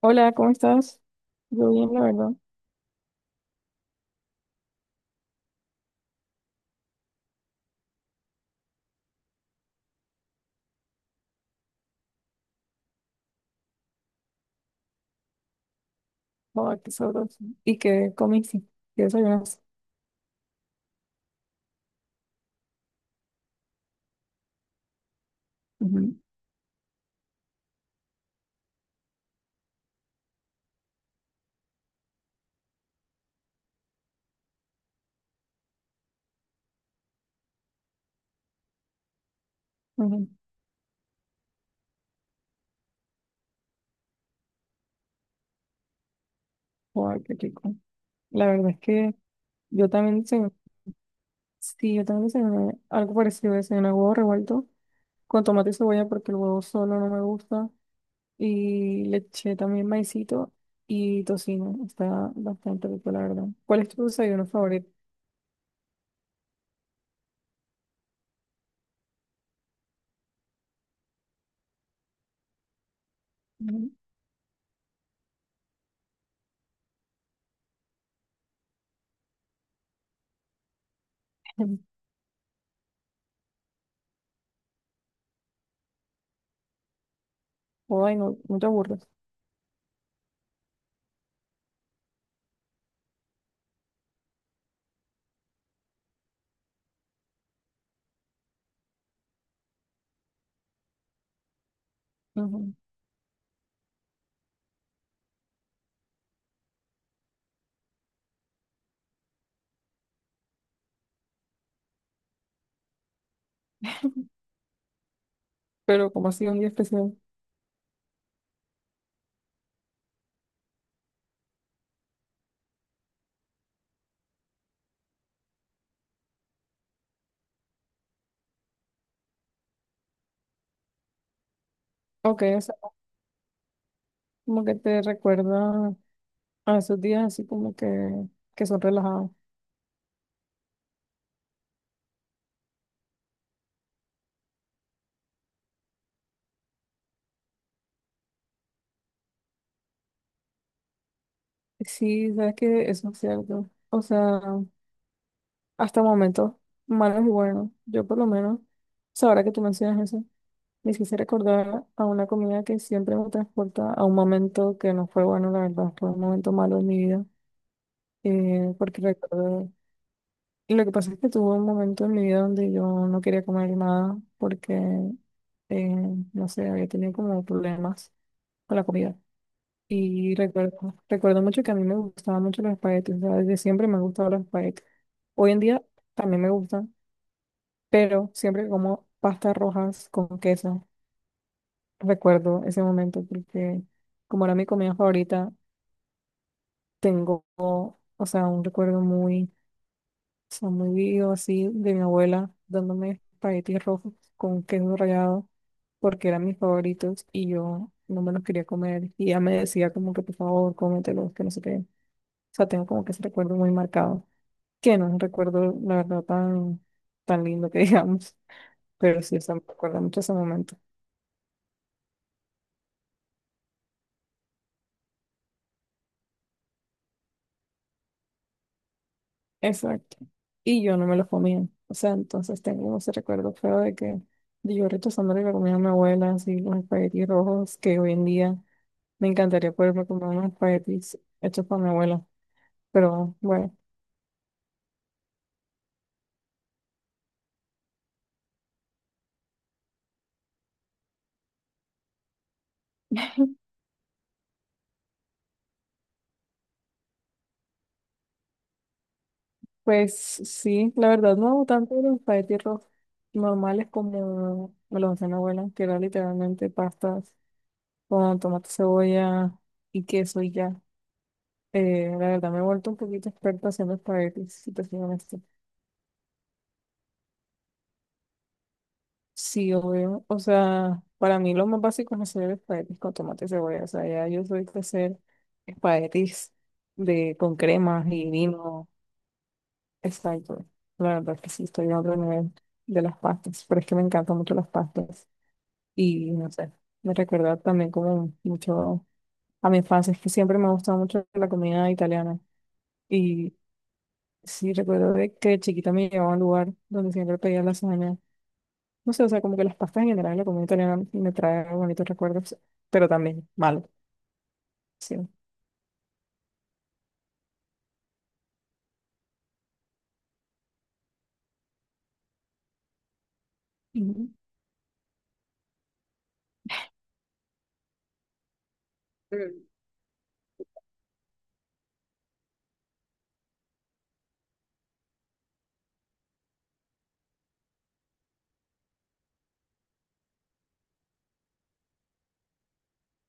Hola, ¿cómo estás? Yo bien, la verdad. Joder, qué sabroso. ¿Y qué comiste? ¿Qué desayunaste? Ujú, ujú. Joder, qué rico. La verdad es que yo también desayuné, sí, yo también desayuné algo parecido, desayuné huevo revuelto con tomate y cebolla porque el huevo solo no me gusta y le eché también maicito y tocino. Está bastante rico, la verdad. ¿Cuál es tu desayuno favorito? Ujú. Joder, no, no te aburres. Ujú. Pero como ha sido un día especial. Ok, o sea, como que te recuerda a esos días así como que son relajados. Sí, sabes que eso es cierto. O sea, hasta momentos malos y buenos. Yo por lo menos, o sea, ahora que tú mencionas eso, me quise recordar a una comida que siempre me transporta a un momento que no fue bueno, la verdad, fue un momento malo en mi vida. Porque recuerdo, lo que pasa es que tuve un momento en mi vida donde yo no quería comer nada porque, eh, no sé, había tenido como problemas con la comida. Y recuerdo mucho que a mí me gustaban mucho los espaguetis, o sea, desde siempre me han gustado los espaguetis. Hoy en día también me gustan, pero siempre como pastas rojas con queso. Recuerdo ese momento porque como era mi comida favorita, tengo, o sea, un recuerdo muy, o sea, muy vivo así de mi abuela dándome espaguetis rojos con queso rallado porque eran mis favoritos y yo no me los quería comer y ella me decía como que por favor cómetelos, que no sé qué. O sea, tengo como que ese recuerdo muy marcado, que no es un recuerdo, la verdad, tan, tan lindo que digamos, pero sí, o sea, me recuerda mucho ese momento. Exacto. Y yo no me lo comía. O sea, entonces tengo como ese recuerdo feo de que de yo rechazándole la comida a mi abuela, así los espaguetis rojos, que hoy en día me encantaría poderme comer unos espaguetis hechos por mi abuela. Pero bueno, pues sí, la verdad no hago tanto los espaguetis rojos normales como me los hacía mi abuela, que era literalmente pastas con tomate, cebolla y queso y ya. La verdad me he vuelto un poquito experta haciendo espaguetis, si te soy honesta. Sí, obvio. O sea, para mí lo más básico es hacer espaguetis con tomate y cebolla. O sea, ya yo soy de hacer espaguetis con cremas y vino. Exacto. La verdad que sí, estoy a otro nivel de las pastas. Pero es que me encantan mucho las pastas. Y no sé, me recuerda también como mucho a mi infancia. Es que siempre me ha gustado mucho la comida italiana. y Sí, recuerdo de que de chiquita me llevaba a un lugar donde siempre pedía lasaña. No sé, o sea, como que las pastas en general, la comida italiana me trae bonitos recuerdos, pero también malos. Sí. Ujú. Mm.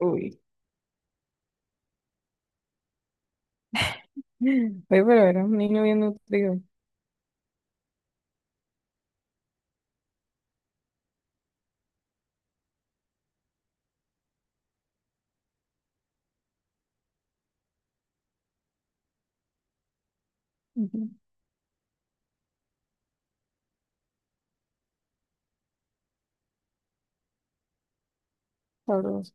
Uy. Oye, pero era un niño bien nutrido. Ujú. Sabroso.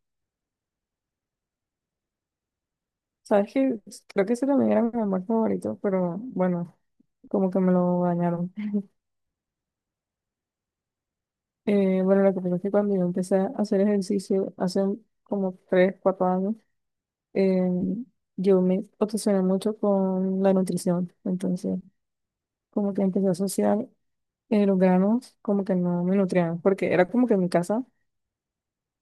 ¿Sabes qué? Creo que ese también era mi amor favorito, pero bueno, como que me lo dañaron. Bueno, lo que pasa es que cuando yo empecé a hacer ejercicio hace como 3 4 años, eh, yo me obsesioné mucho con la nutrición, entonces como que empecé a asociar los granos como que no me nutrían, porque era como que en mi casa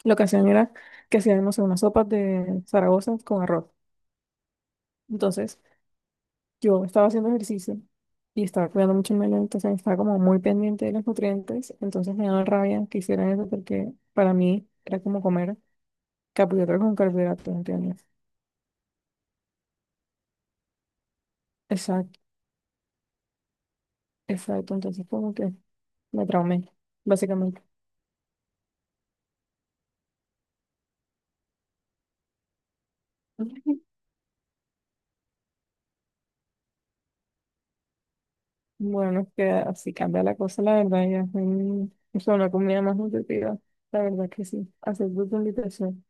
lo que hacían era que hacían, no sé, unas sopas de Zaragoza con arroz. Entonces yo estaba haciendo ejercicio y estaba cuidando mucho el medio, entonces estaba como muy pendiente de los nutrientes, entonces me daba rabia que hicieran eso porque para mí era como comer carbohidratos con carbohidratos, ¿entiendes? Exacto, exacto, entonces como que me traumé básicamente. Bueno, no, es que así cambia la cosa, la verdad, ya es una comida más nutritiva. La verdad que sí. Acepto tu invitación.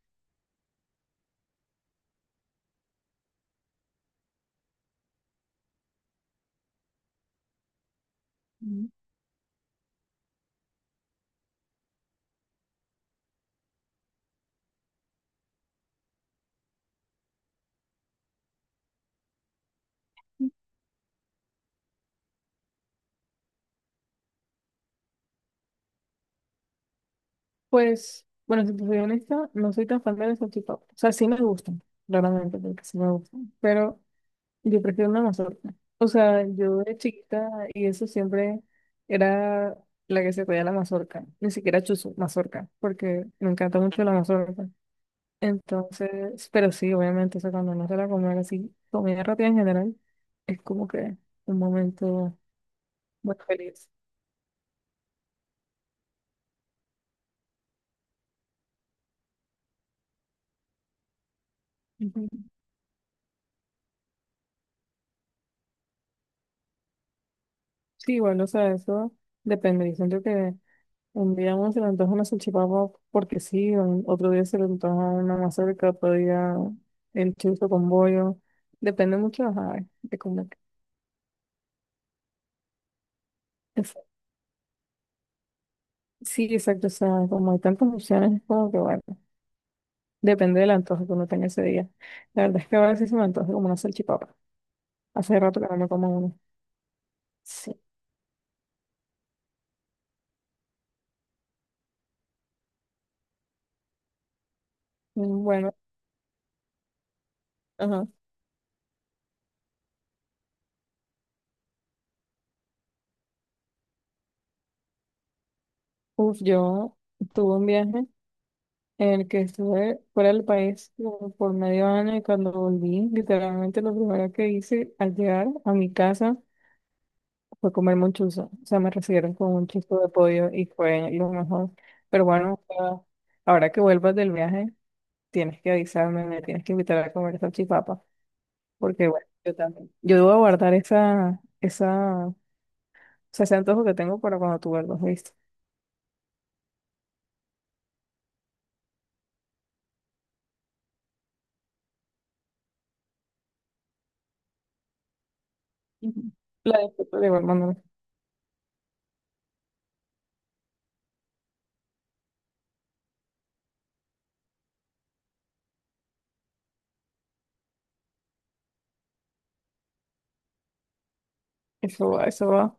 Mm. Pues, bueno, si te soy honesta, no soy tan fan de las salchipapas. O sea, sí me gustan, claramente, porque sí me gustan. Pero yo prefiero una mazorca. O sea, yo de chiquita y eso siempre era la que se pedía la mazorca. Ni siquiera chuzo, mazorca, porque me encanta mucho la mazorca. Entonces, pero sí, obviamente, o sea, cuando uno se la comer así, comida rápida en general, es como que un momento muy feliz. Ujú. Sí, igual, o sea, eso depende. Yo siento que un día uno se le antoja una salchipapa porque sí, otro día se le antoja una mazorca, otro día el chorizo con bollo. Depende mucho, ajá, de cómo. es- Sí, exacto, o sea, como hay tantas opciones, es como que bueno, depende del antojo que uno tenga ese día. La verdad es que a veces se me antoja como una salchipapa. Hace rato que no me como uno. Sí. Mm. Bueno. Ajá. Uf, yo tuve un viaje en el que estuve fuera del país como por medio año y cuando volví, literalmente lo primero que hice al llegar a mi casa fue comerme un chuzo. O sea, me recibieron con un chuzo de pollo y fue lo mejor. Pero bueno, o sea, ahora que vuelvas del viaje, tienes que avisarme, me tienes que invitar a comer salchipapa, porque bueno, yo también. Yo debo guardar o sea, ese antojo que tengo para cuando tú vuelvas, ¿viste? Ujú. La disfruto de igual manera. Eso va, eso va.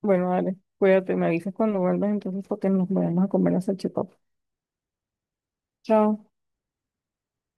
Bueno, dale, cuídate, me avisas cuando vuelvas entonces porque nos vayamos a comer la salchipapa. Chao.